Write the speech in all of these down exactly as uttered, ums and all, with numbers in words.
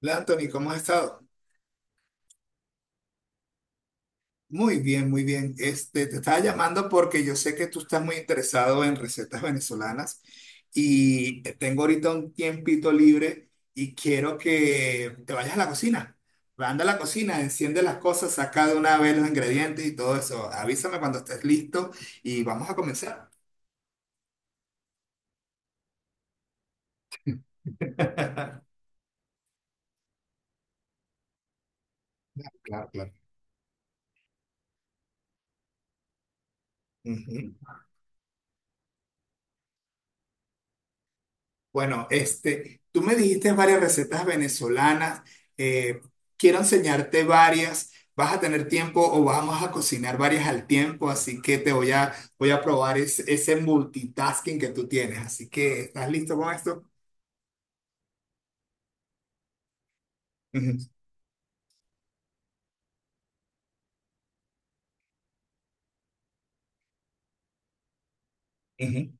Hola Anthony, ¿cómo has estado? Muy bien, muy bien. Este, te estaba llamando porque yo sé que tú estás muy interesado en recetas venezolanas y tengo ahorita un tiempito libre y quiero que te vayas a la cocina. Anda a la cocina, enciende las cosas, saca de una vez los ingredientes y todo eso. Avísame cuando estés listo y vamos a comenzar. Claro, claro. Ujú. Bueno, este, tú me dijiste varias recetas venezolanas. eh, Quiero enseñarte varias. Vas a tener tiempo o vamos a cocinar varias al tiempo, así que te voy a, voy a probar es- ese multitasking que tú tienes. Así que, ¿estás listo con esto? Ujú, ujú.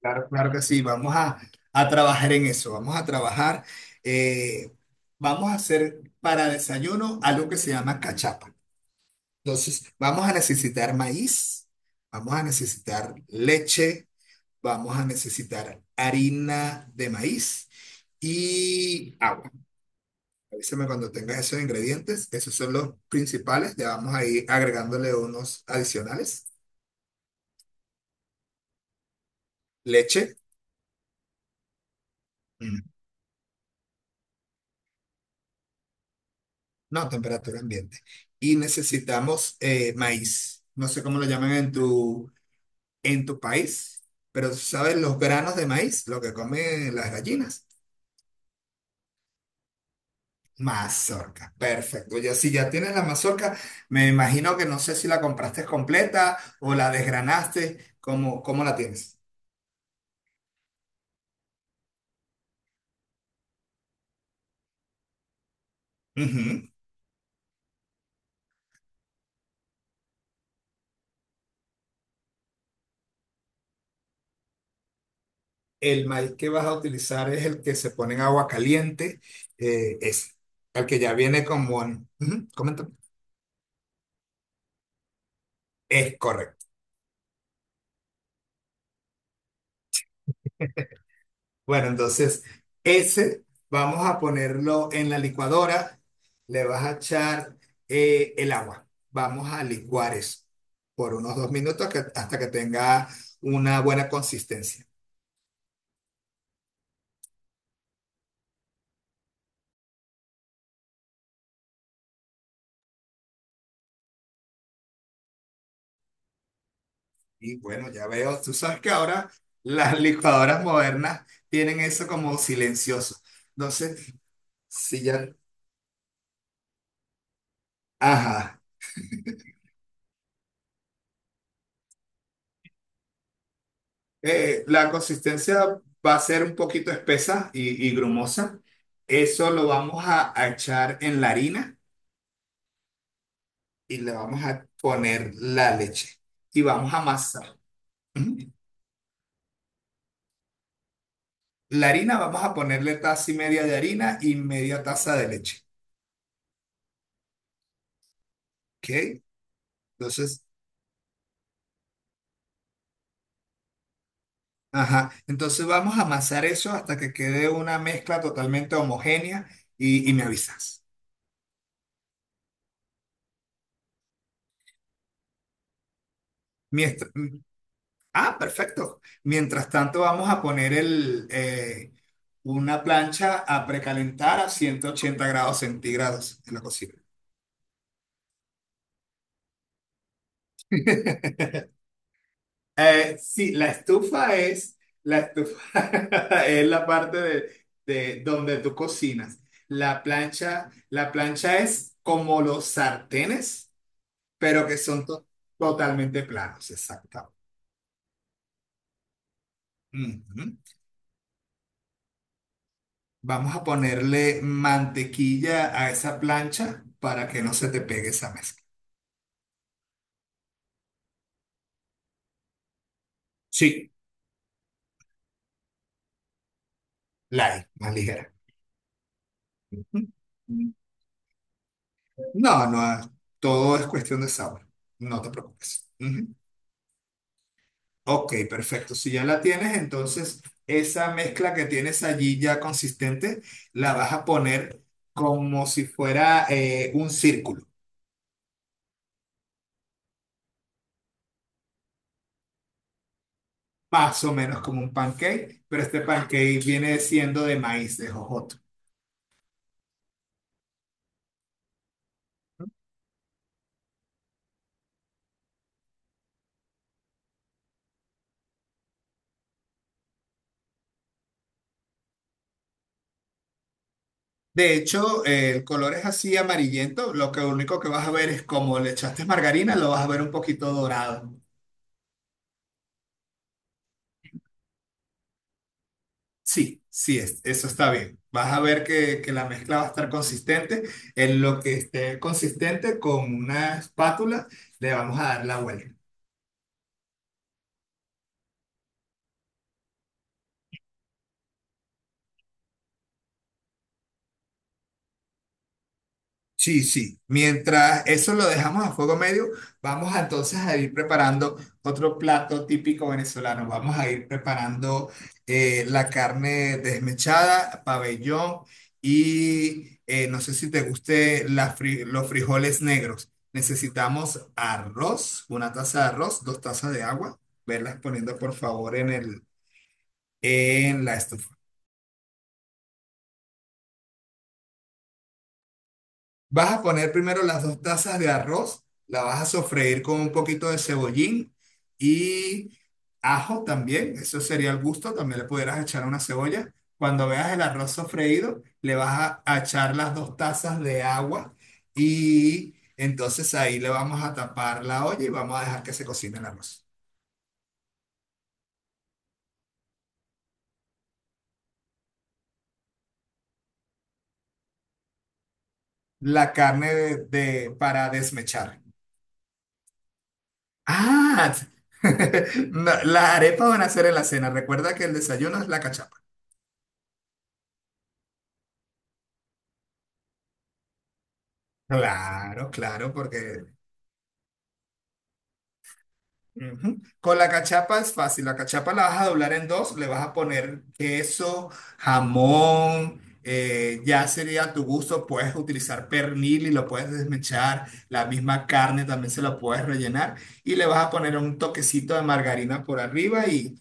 Claro, claro que sí. Vamos a, a trabajar en eso. Vamos a trabajar. eh, Vamos a hacer para desayuno algo que se llama cachapa. Entonces, vamos a necesitar maíz. Vamos a necesitar leche. Vamos a necesitar harina de maíz y agua. Avísame cuando tengas esos ingredientes. Esos son los principales. Le vamos a ir agregándole unos adicionales. Leche, mm, no, temperatura ambiente. Y necesitamos eh, maíz. No sé cómo lo llaman en tu, en tu país, pero ¿sabes los granos de maíz? Lo que comen las gallinas. Mazorca, perfecto. Ya si ya tienes la mazorca, me imagino que no sé si la compraste completa o la desgranaste. ¿Cómo, cómo la tienes? Ujú. El maíz que vas a utilizar es el que se pone en agua caliente, eh, ese, el que ya viene como. en- Ujú, coméntame. Es correcto. Bueno, entonces ese vamos a ponerlo en la licuadora. Le vas a echar eh, el agua. Vamos a licuar eso por unos dos minutos que- hasta que tenga una buena consistencia. Y bueno, ya veo, tú sabes que ahora las licuadoras modernas tienen eso como silencioso. Entonces, si ya, ajá. Eh, la consistencia va a ser un poquito espesa y, y grumosa. Eso lo vamos a a echar en la harina. Y le vamos a poner la leche y vamos a amasar. Ujú. La harina, vamos a ponerle taza y media de harina y media taza de leche. ¿Ok? Entonces, ajá. Entonces vamos a amasar eso hasta que quede una mezcla totalmente homogénea y, y me avisas. Miestra- ah, Perfecto. Mientras tanto, vamos a poner el, eh, una plancha a precalentar a ciento ochenta grados centígrados en la cocina. Eh, sí, la estufa es la estufa es la parte de, de donde tú cocinas. La plancha, la plancha es como los sartenes, pero que son to- totalmente planos, exacto. Ujú. Vamos a ponerle mantequilla a esa plancha para que no se te pegue esa mezcla. Sí, light, más ligera. Ujú. No, no, todo es cuestión de sabor. No te preocupes. Ujú. Ok, perfecto. Si ya la tienes, entonces esa mezcla que tienes allí ya consistente, la vas a poner como si fuera eh, un círculo, más o menos como un pancake, pero este pancake viene siendo de maíz, de jojoto. De hecho, eh, el color es así amarillento, lo que único que vas a ver es como le echaste margarina, lo vas a ver un poquito dorado. Sí, sí, es, eso está bien. Vas a ver que, que la mezcla va a estar consistente. En lo que esté consistente con una espátula, le vamos a dar la vuelta. Sí, sí. Mientras eso lo dejamos a fuego medio, vamos a, entonces a ir preparando otro plato típico venezolano. Vamos a ir preparando eh, la carne desmechada, pabellón y eh, no sé si te guste la fri- los frijoles negros. Necesitamos arroz, una taza de arroz, dos tazas de agua. Verlas poniendo por favor en el, en la estufa. Vas a poner primero las dos tazas de arroz, la vas a sofreír con un poquito de cebollín y ajo también, eso sería el gusto, también le pudieras echar una cebolla. Cuando veas el arroz sofreído, le vas a, a echar las dos tazas de agua y entonces ahí le vamos a tapar la olla y vamos a dejar que se cocine el arroz. La carne de, de- para desmechar. Ah, no, las arepas van a ser en la cena. Recuerda que el desayuno es la cachapa. Claro, claro, porque ujú. Con la cachapa es fácil. La cachapa la vas a doblar en dos, le vas a poner queso, jamón, eh, ya sería a tu gusto. Puedes utilizar pernil y lo puedes desmechar. La misma carne también se la puedes rellenar y le vas a poner un toquecito de margarina por arriba y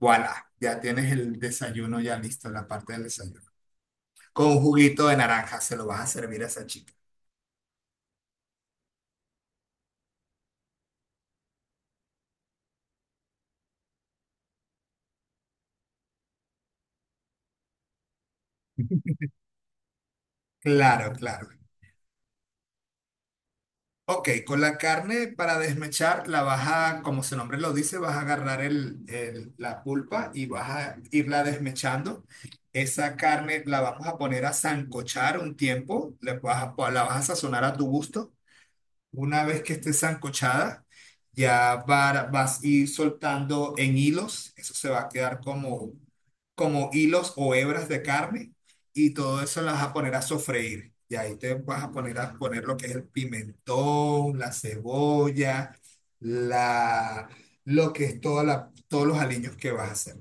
voilà, ya tienes el desayuno ya listo, la parte del desayuno. Con un juguito de naranja se lo vas a servir a esa chica. Claro, claro. Ok, con la carne para desmechar la vas a, como su nombre lo dice, vas a agarrar el, el- la pulpa y vas a irla desmechando. Esa carne la vamos a poner a sancochar un tiempo, le vas a- la vas a sazonar a tu gusto. Una vez que esté sancochada, ya va- vas a ir soltando en hilos. Eso se va a quedar como, como hilos o hebras de carne. Y todo eso las vas a poner a sofreír. Y ahí te vas a poner a poner lo que es el pimentón, la cebolla, la, lo que es toda la, todos los aliños que vas a hacer.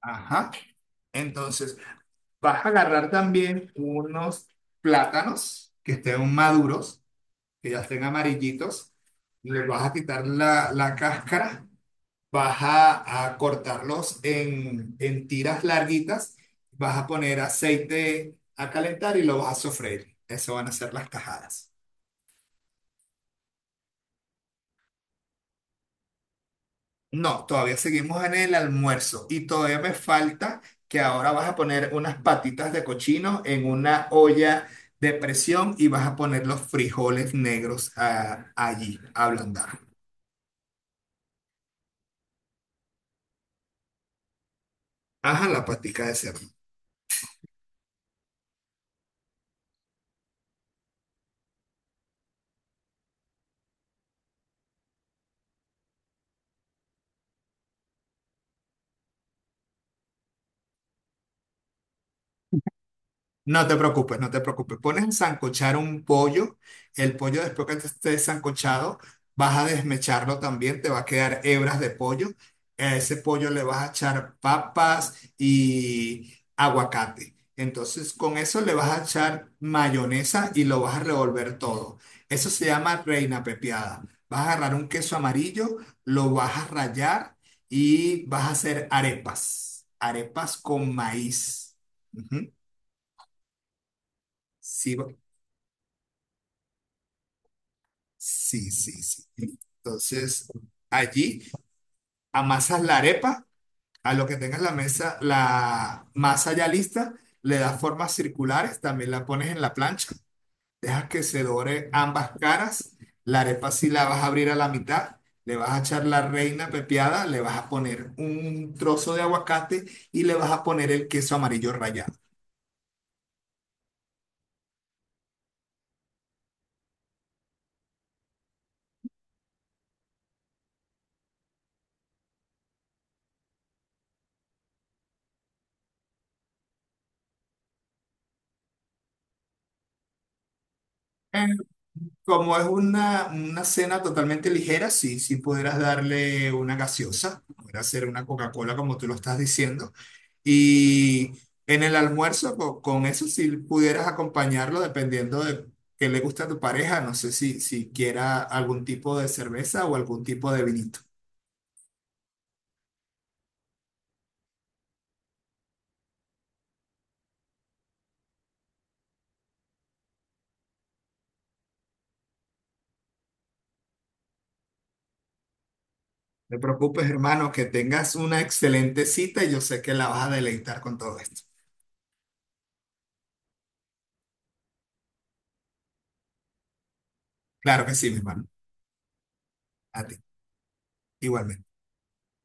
Ajá. Entonces, vas a agarrar también unos plátanos que estén maduros que ya estén amarillitos, les vas a quitar la, la cáscara, vas a, a cortarlos en, en tiras larguitas, vas a poner aceite a calentar y lo vas a sofreír. Eso van a ser las tajadas. No, todavía seguimos en el almuerzo y todavía me falta que ahora vas a poner unas patitas de cochino en una olla de presión y vas a poner los frijoles negros ah, allí a ablandar. Ajá, la patica de cerdo. No te preocupes, no te preocupes. Pones a sancochar un pollo. El pollo después que esté sancochado, vas a desmecharlo también. Te va a quedar hebras de pollo. A ese pollo le vas a echar papas y aguacate. Entonces, con eso le vas a echar mayonesa y lo vas a revolver todo. Eso se llama reina pepiada. Vas a agarrar un queso amarillo, lo vas a rallar y vas a hacer arepas. Arepas con maíz. Ujú. Sí, sí, sí, sí. Entonces, allí amasas la arepa, a lo que tengas la mesa, la masa ya lista, le das formas circulares, también la pones en la plancha, dejas que se dore ambas caras, la arepa sí la vas a abrir a la mitad, le vas a echar la reina pepiada, le vas a poner un trozo de aguacate y le vas a poner el queso amarillo rallado. Como es una, una cena totalmente ligera, sí, sí pudieras darle una gaseosa, pudieras hacer una Coca-Cola como tú lo estás diciendo. Y en el almuerzo, co- con, eso sí pudieras acompañarlo dependiendo de qué le gusta a tu pareja. No sé si, si quiera algún tipo de cerveza o algún tipo de vinito. No te preocupes, hermano, que tengas una excelente cita y yo sé que la vas a deleitar con todo esto. Claro que sí, mi hermano. A ti, igualmente.